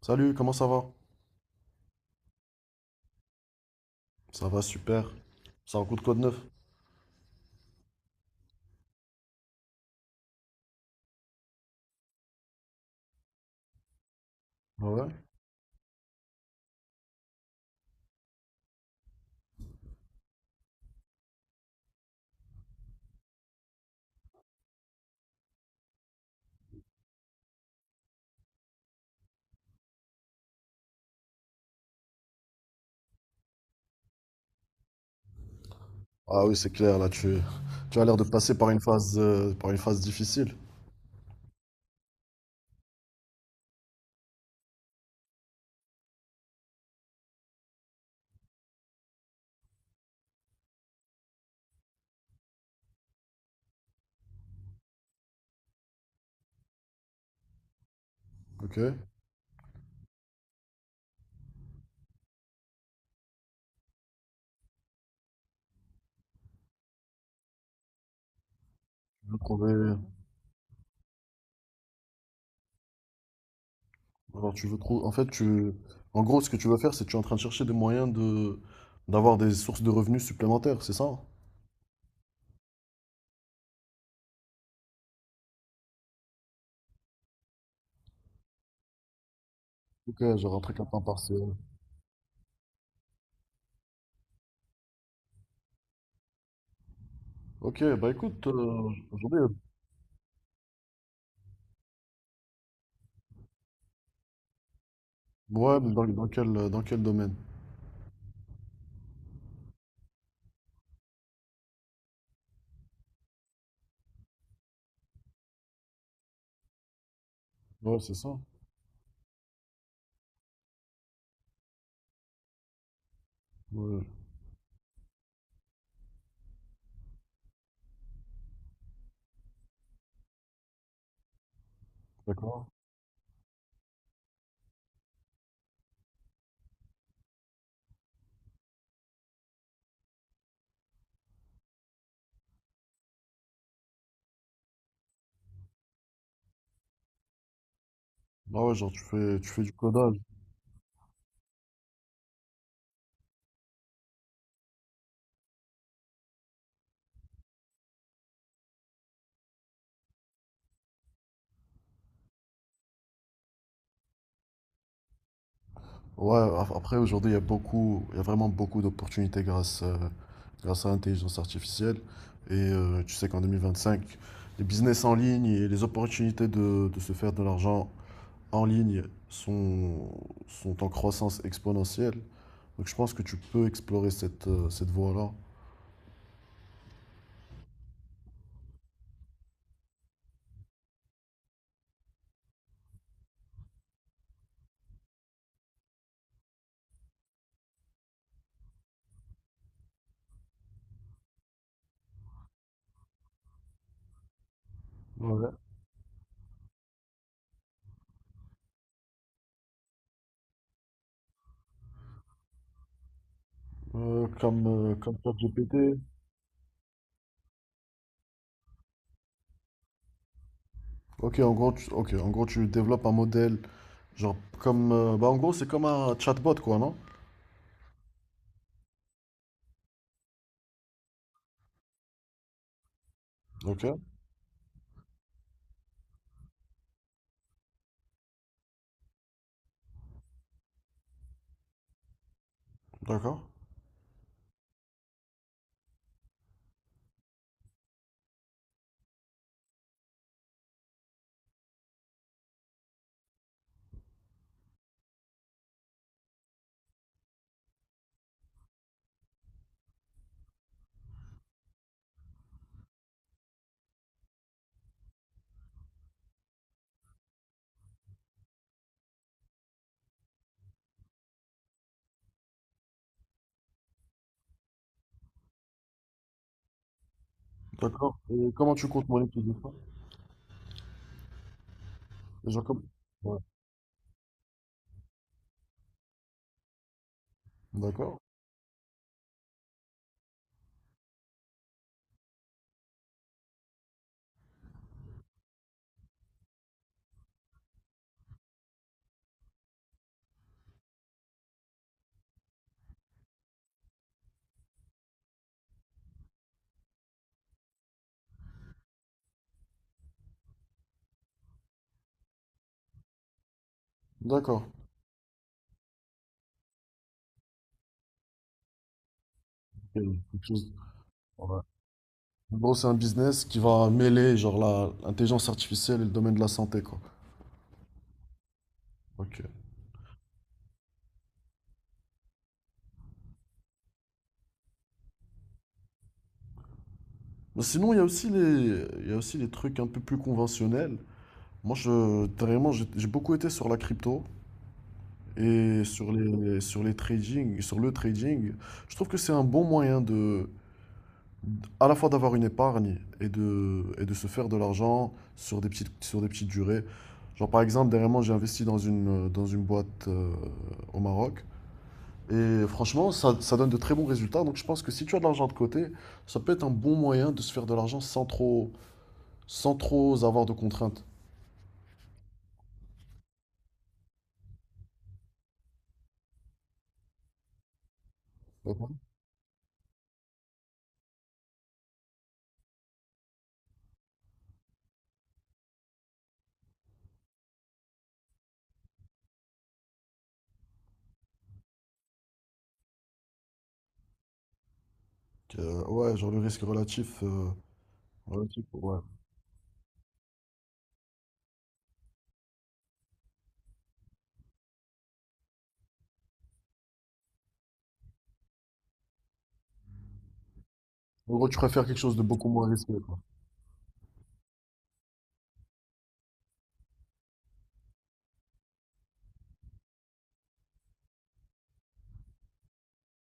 Salut, comment ça va? Ça va super. C'est un coup de code neuf. Ah ouais. Ah oui, c'est clair, tu as l'air de passer par une phase difficile. Ok. Tu veux trouver. Alors tu veux trouver. En fait, tu. En gros, ce que tu veux faire, c'est que tu es en train de chercher des moyens de d'avoir des sources de revenus supplémentaires, c'est ça? Ok, j'ai rentré qu'un temps partiel. Ok, bah écoute, aujourd'hui. Ouais, mais dans quel dans quel domaine? Ouais, c'est ça. Ouais, d'accord. Ah ouais, genre tu fais du codage. Ouais, après aujourd'hui, il y a vraiment beaucoup d'opportunités grâce à l'intelligence artificielle. Et tu sais qu'en 2025, les business en ligne et les opportunités de se faire de l'argent en ligne sont, sont en croissance exponentielle. Donc je pense que tu peux explorer cette voie-là. Ouais. Euh, comme, Comme ChatGPT. Ok, en gros, tu développes un modèle, genre comme, bah en gros, c'est comme un chatbot, quoi, non? Ok, d'accord. D'accord. Et comment tu comptes monnaie tous les fois? Genre comme… Ouais. D'accord. D'accord. Ok, quelque chose- ouais. En gros, c'est un business qui va mêler genre l'intelligence artificielle et le domaine de la santé, quoi. Ok. Mais sinon, il y a aussi les trucs un peu plus conventionnels. Moi, je, vraiment, j'ai beaucoup été sur la crypto et sur les trading, sur le trading. Je trouve que c'est un bon moyen de, à la fois d'avoir une épargne et et de se faire de l'argent sur sur des petites durées. Genre par exemple, dernièrement, j'ai investi dans dans une boîte au Maroc. Et franchement, ça donne de très bons résultats. Donc je pense que si tu as de l'argent de côté, ça peut être un bon moyen de se faire de l'argent sans trop avoir de contraintes. D'accord. Ouais, genre le risque relatif. Relatif, ouais. En gros, tu préfères quelque chose de beaucoup moins risqué, quoi.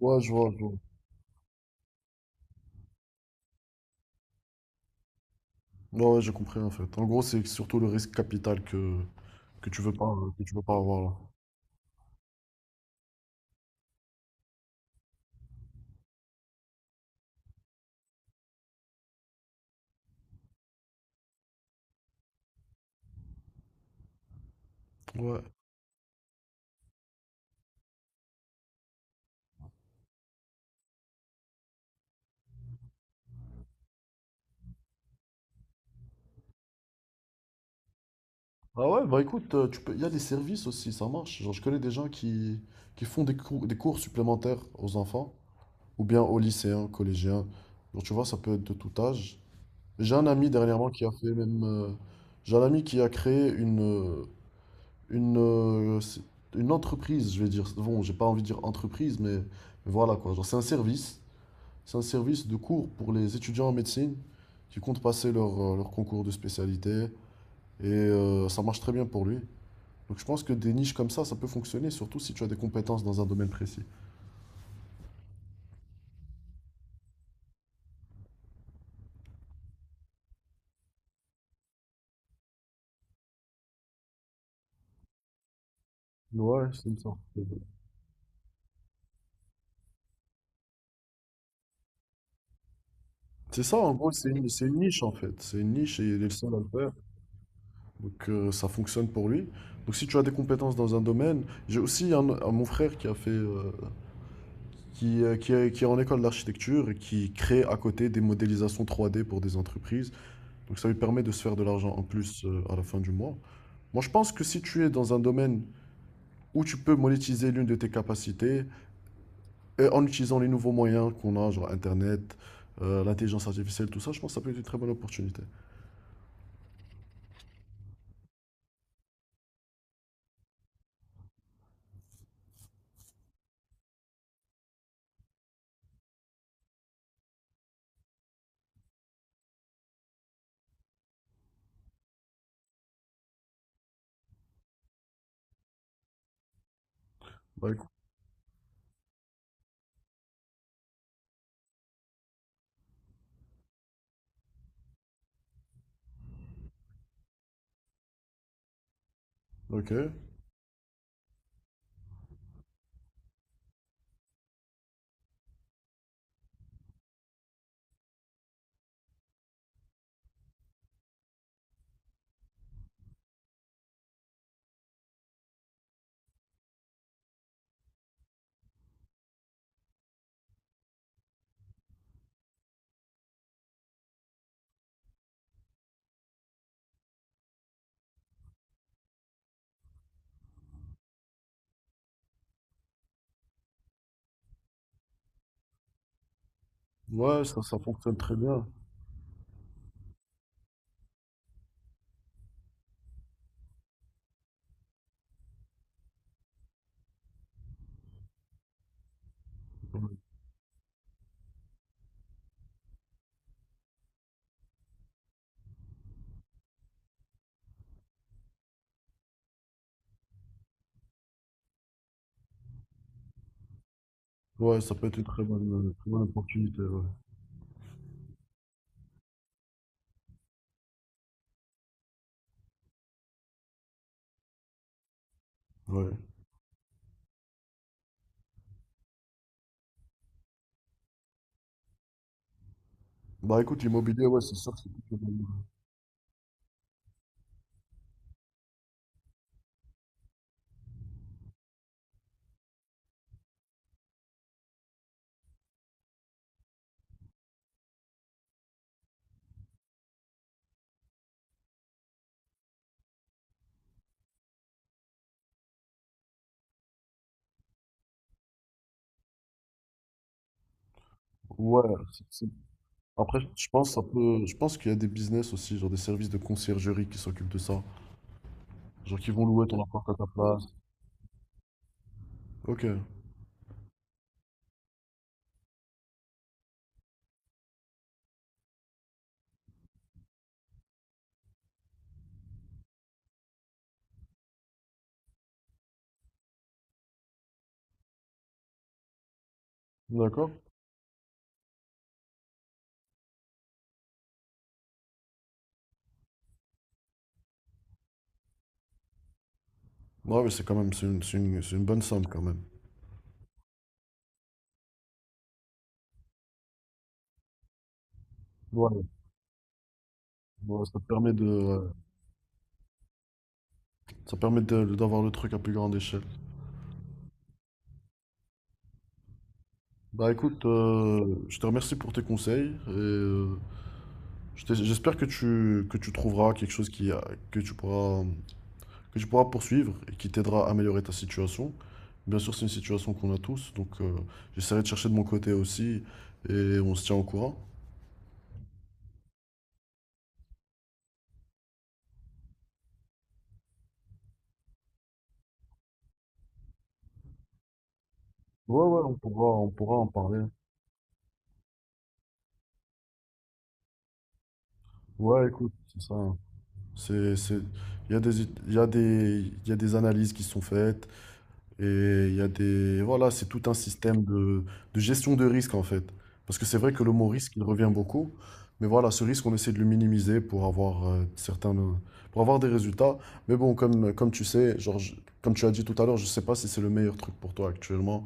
Ouais, je vois, je vois. Ouais, ouais, j'ai compris en fait. En gros, c'est surtout le risque capital que tu veux pas avoir là. Ouais. Ah ouais, bah écoute, tu peux… il y a des services aussi, ça marche. Genre, je connais des gens qui font des cours supplémentaires aux enfants, ou bien aux lycéens, collégiens. Genre, tu vois, ça peut être de tout âge. J'ai un ami dernièrement qui a fait même. J'ai un ami qui a créé une, euh, c'est- une entreprise, je vais dire. Bon, j'ai pas envie de dire entreprise, mais voilà quoi. Genre, c'est un service. C'est un service de cours pour les étudiants en médecine qui comptent passer leur concours de spécialité. Et ça marche très bien pour lui. Donc je pense que des niches comme ça peut fonctionner, surtout si tu as des compétences dans un domaine précis. Ouais, c'est ça. C'est ça, en gros, c'est une niche en fait. C'est une niche et il est le seul à le faire. Donc ça fonctionne pour lui. Donc si tu as des compétences dans un domaine, j'ai aussi mon frère qui a fait, qui est en école d'architecture et qui crée à côté des modélisations 3D pour des entreprises. Donc ça lui permet de se faire de l'argent en plus à la fin du mois. Moi je pense que si tu es dans un domaine où tu peux monétiser l'une de tes capacités et en utilisant les nouveaux moyens qu'on a, genre Internet, l'intelligence artificielle, tout ça, je pense que ça peut être une très bonne opportunité. Bah, écoute, ok. Ouais, ça fonctionne très bien. Ouais, ouais, ça peut être une très bonne opportunité, ouais. Ouais. Bah écoute, l'immobilier, ouais, c'est sûr que c'est plutôt bon. Ouais, c'est- c'est- après, je pense que ça peut… je pense qu'il y a des business aussi, genre des services de conciergerie qui s'occupent de ça. Genre qui vont louer ton appart à ta place. Ok, d'accord. Ouais, mais c'est quand même, c'est une bonne somme quand même. Ouais, ouais, ça te permet de, ça permet d'avoir le truc à plus grande échelle. Bah écoute, je te remercie pour tes conseils et je t'es- j'espère que que tu trouveras quelque chose qui, a- que tu pourras, que tu pourras poursuivre et qui t'aidera à améliorer ta situation. Bien sûr, c'est une situation qu'on a tous, donc j'essaierai de chercher de mon côté aussi et on se tient au courant. On pourra en parler. Ouais, écoute, c'est ça. C'est, c'est, il y a des, it- il y a des, il y a des analyses qui sont faites. Et il y a des… Voilà, c'est tout un système de gestion de risque en fait. Parce que c'est vrai que le mot risque, il revient beaucoup. Mais voilà, ce risque, on essaie de le minimiser pour avoir pour avoir des résultats. Mais bon, comme tu sais, comme tu as dit tout à l'heure, je ne sais pas si c'est le meilleur truc pour toi actuellement.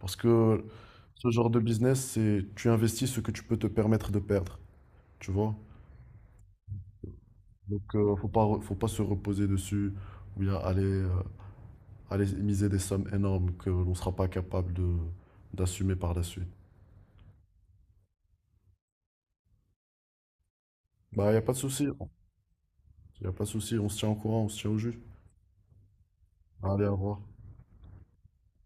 Parce que ce genre de business, c'est tu investis ce que tu peux te permettre de perdre. Tu vois? Donc, faut pas se reposer dessus ou bien aller miser des sommes énormes que l'on ne sera pas capable de d'assumer par la suite. Bah, il n'y a pas de souci. Il n'y a pas de souci. On se tient au courant, on se tient au jus. Allez, au revoir.